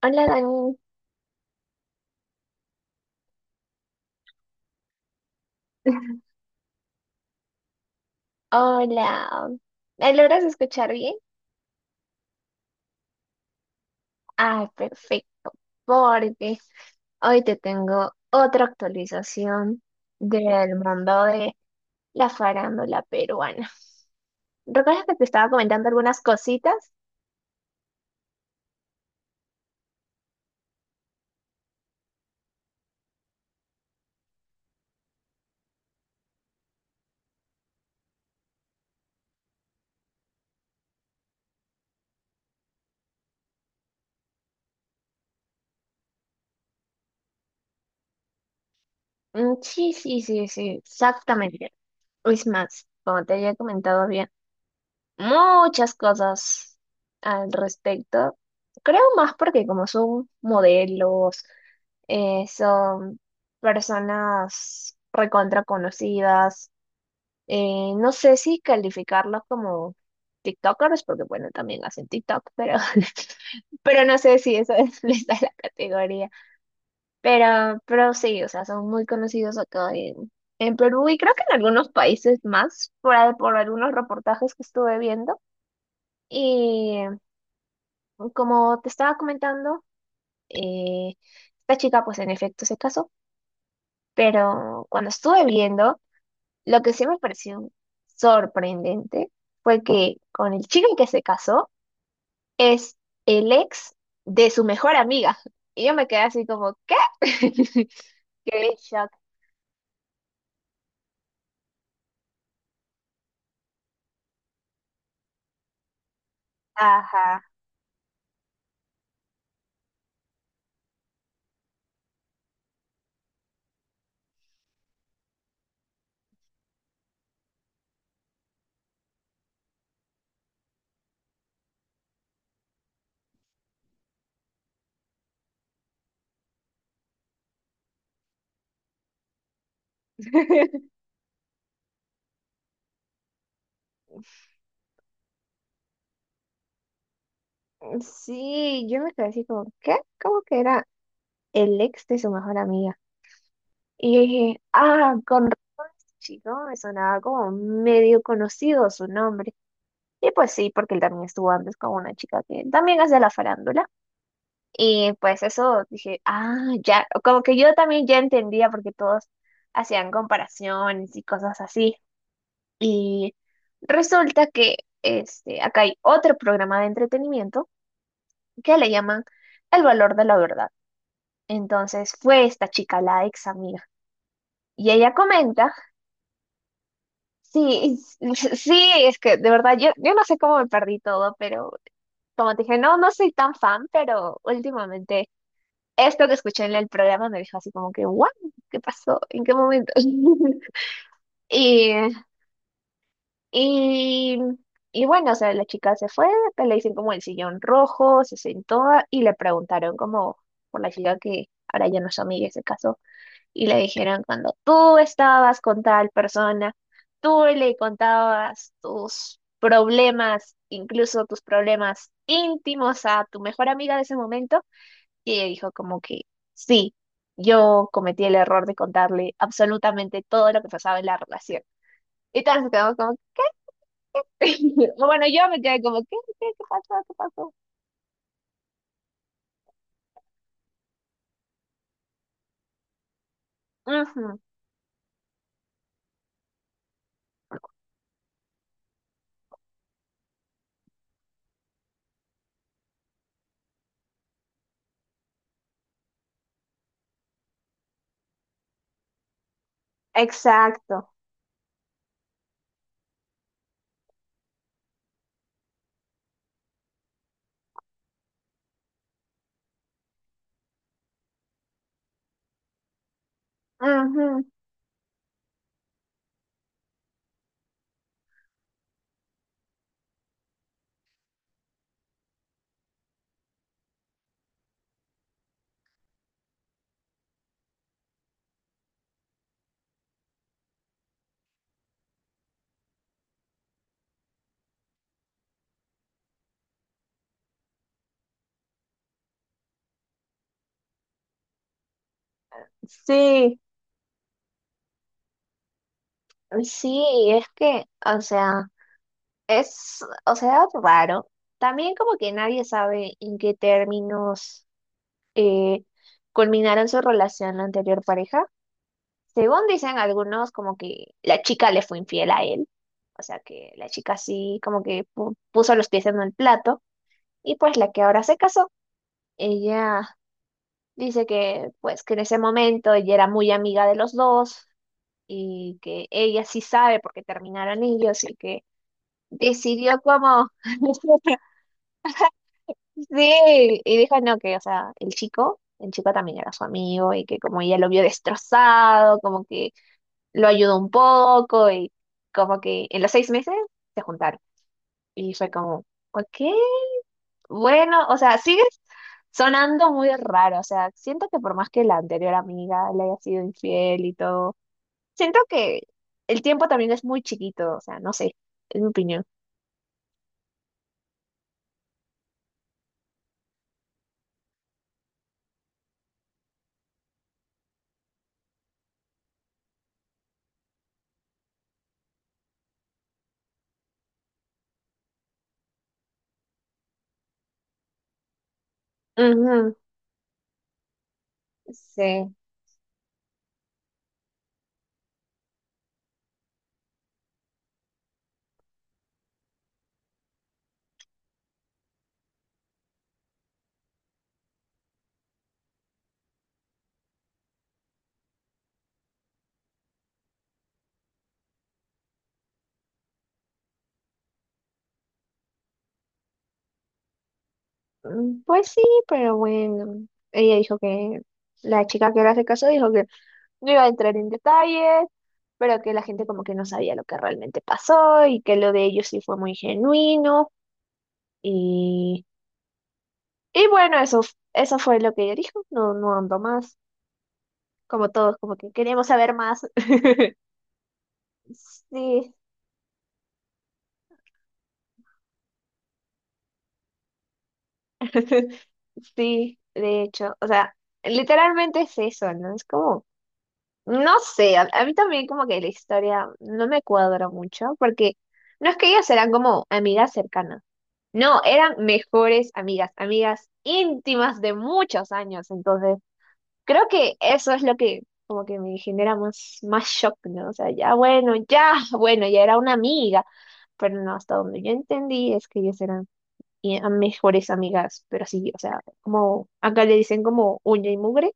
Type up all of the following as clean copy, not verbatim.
Hola, Dani. Hola. ¿Me logras escuchar bien? Ah, perfecto, porque hoy te tengo otra actualización del mundo de la farándula peruana. ¿Recuerdas que te estaba comentando algunas cositas? Mm, sí, sí, sí, sí, exactamente. Es más, como te había comentado, había muchas cosas al respecto. Creo más porque como son modelos. Son personas recontra conocidas. No sé si calificarlos como TikTokers, porque bueno, también hacen TikTok, pero, pero no sé si eso es, les da la categoría. Pero sí, o sea, son muy conocidos acá en Perú y creo que en algunos países más, por, por algunos reportajes que estuve viendo. Y como te estaba comentando, eh, esta chica pues en efecto se casó. Pero cuando estuve viendo, lo que sí me pareció sorprendente fue que con el chico que se casó es el ex de su mejor amiga. Y yo me quedé así como, ¿qué? Qué shock. Ajá. Sí, yo me quedé así como, ¿qué? ¿Cómo que era el ex de su mejor amiga? Y yo dije, ah, con chico, me sonaba como medio conocido su nombre. Y pues sí, porque él también estuvo antes con una chica que también es de la farándula. Y pues eso dije, ah, ya, como que yo también ya entendía porque todos hacían comparaciones y cosas así. Y resulta que este, acá hay otro programa de entretenimiento que le llaman El valor de la verdad. Entonces fue esta chica, la ex amiga, y ella comenta, sí, sí, es que de verdad yo, no sé cómo me perdí todo, pero como te dije, no, no soy tan fan, pero últimamente esto que escuché en el programa me dejó así como que, wow, ¿qué pasó? ¿En qué momento? Y, y, y bueno, o sea, la chica se fue, pues le dicen como el sillón rojo, se sentó y le preguntaron como por la chica que ahora ya no es amiga, y se casó, y le dijeron cuando tú estabas con tal persona, tú le contabas tus problemas, incluso tus problemas íntimos a tu mejor amiga de ese momento. Y ella dijo como que sí, yo cometí el error de contarle absolutamente todo lo que pasaba en la relación. Y todos nos quedamos como, o bueno, yo me quedé como, ¿qué pasó? ¿Qué pasó? Ujú, exacto. Ujú, sí, sí, es que, o sea, es, o sea, raro. También como que nadie sabe en qué términos eh, culminaron su relación la anterior pareja. Según dicen algunos, como que la chica le fue infiel a él. O sea que la chica sí como que puso los pies en el plato y pues la que ahora se casó, ella dice que pues que en ese momento ella era muy amiga de los dos y que ella sí sabe por qué terminaron ellos y que decidió como sí y dijo no que o sea el chico también era su amigo y que como ella lo vio destrozado como que lo ayudó un poco y como que en los 6 meses se juntaron y fue como ok. Bueno, o sea, sigues sonando muy raro. O sea, siento que por más que la anterior amiga le haya sido infiel y todo, siento que el tiempo también es muy chiquito. O sea, no sé, es mi opinión. Ujú, sí. Mm, pues sí, pero bueno, ella dijo que la chica que le hace caso dijo que no iba a entrar en detalles, pero que la gente como que no sabía lo que realmente pasó y que lo de ellos sí fue muy genuino. Y bueno, eso, eso fue lo que ella dijo. No, no ando más. Como todos, como que queríamos saber más. Sí, sí, de hecho. O sea, literalmente es eso, ¿no? Es como, no sé, a mí también como que la historia no me cuadra mucho, porque no es que ellas eran como amigas cercanas. No, eran mejores amigas, amigas íntimas de muchos años. Entonces, creo que eso es lo que como que me genera más, más shock, ¿no? O sea, ya bueno, ya bueno, ya era una amiga, pero no, hasta donde yo entendí es que ellas eran mejores amigas, pero sí, o sea, como acá le dicen como uña y mugre,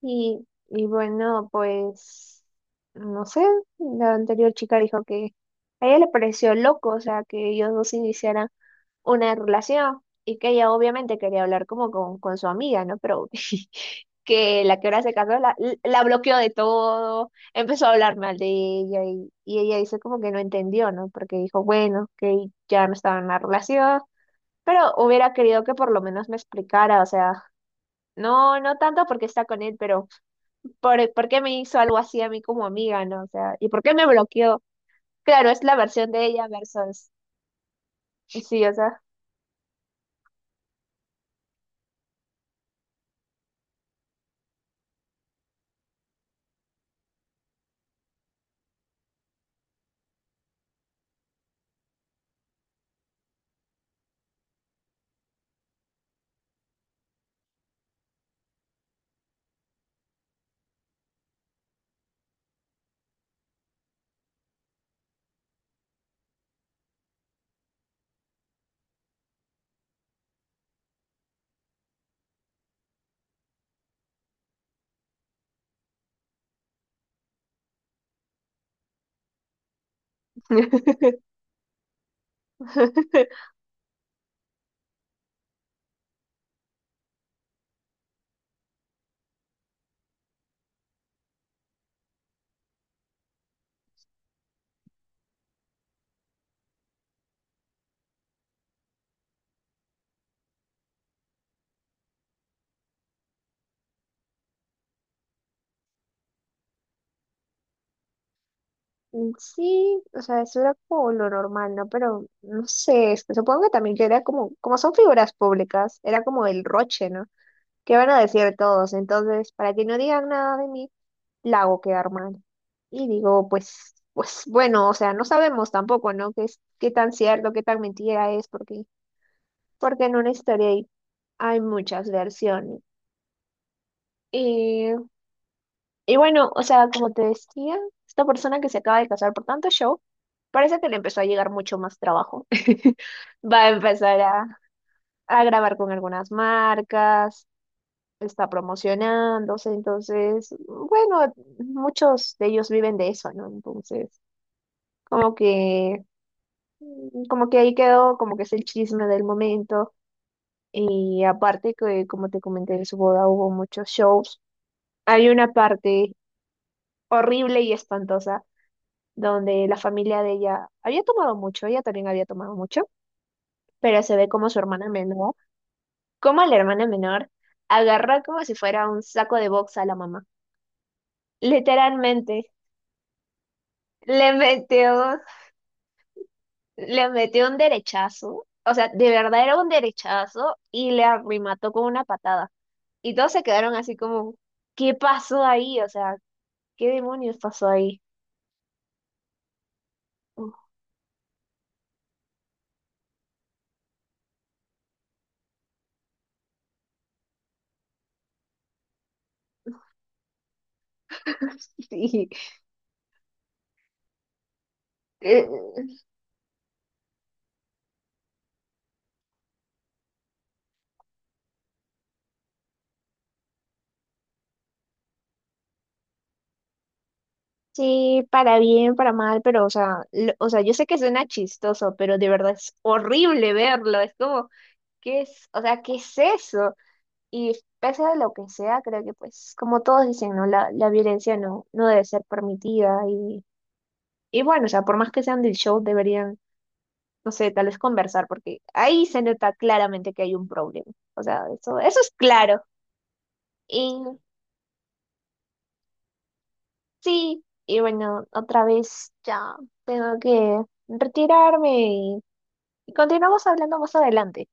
y bueno, pues, no sé, la anterior chica dijo que a ella le pareció loco, o sea, que ellos dos iniciaran una relación y que ella obviamente quería hablar como con su amiga, ¿no? Pero que la que ahora se casó la, la bloqueó de todo, empezó a hablar mal de ella y ella dice como que no entendió, ¿no? Porque dijo, bueno, que ya no estaba en la relación, pero hubiera querido que por lo menos me explicara, o sea, no, no tanto porque está con él, pero por qué me hizo algo así a mí como amiga, ¿no? O sea, ¿y por qué me bloqueó? Claro, es la versión de ella versus... Sí, o sea. Mm, sí, o sea, eso era como lo normal, ¿no? Pero no sé, es que supongo que también que era como, como son figuras públicas, era como el roche, ¿no? ¿Qué van a decir todos? Entonces, para que no digan nada de mí, la hago quedar mal. Y digo, pues, pues bueno, o sea, no sabemos tampoco, ¿no? Qué es, qué tan cierto, qué tan mentira es, porque, porque en una historia hay, hay muchas versiones. Y bueno, o sea, como te decía, esta persona que se acaba de casar por tanto show, parece que le empezó a llegar mucho más trabajo. Va a empezar a grabar con algunas marcas, está promocionándose, entonces, bueno, muchos de ellos viven de eso, ¿no? Entonces, como que, como que ahí quedó, como que es el chisme del momento. Y aparte que, como te comenté, en su boda hubo muchos shows. Hay una parte horrible y espantosa donde la familia de ella había tomado mucho, ella también había tomado mucho, pero se ve como su hermana menor, como la hermana menor, agarró como si fuera un saco de box a la mamá. Literalmente, le metió, le metió un derechazo, o sea, de verdad era un derechazo y le arremató con una patada. Y todos se quedaron así como, ¿qué pasó ahí? O sea, ¿qué demonios pasó ahí? Sí, Eh, sí, para bien, para mal, pero o sea, o sea, yo sé que suena chistoso, pero de verdad es horrible verlo. Es como, ¿qué es? O sea, ¿qué es eso? Y pese a lo que sea, creo que pues, como todos dicen, ¿no? La violencia no, no debe ser permitida. Y bueno, o sea, por más que sean del show, deberían, no sé, tal vez conversar, porque ahí se nota claramente que hay un problema. O sea, eso es claro. Y sí, y bueno, otra vez ya tengo que retirarme. Y continuamos hablando más adelante.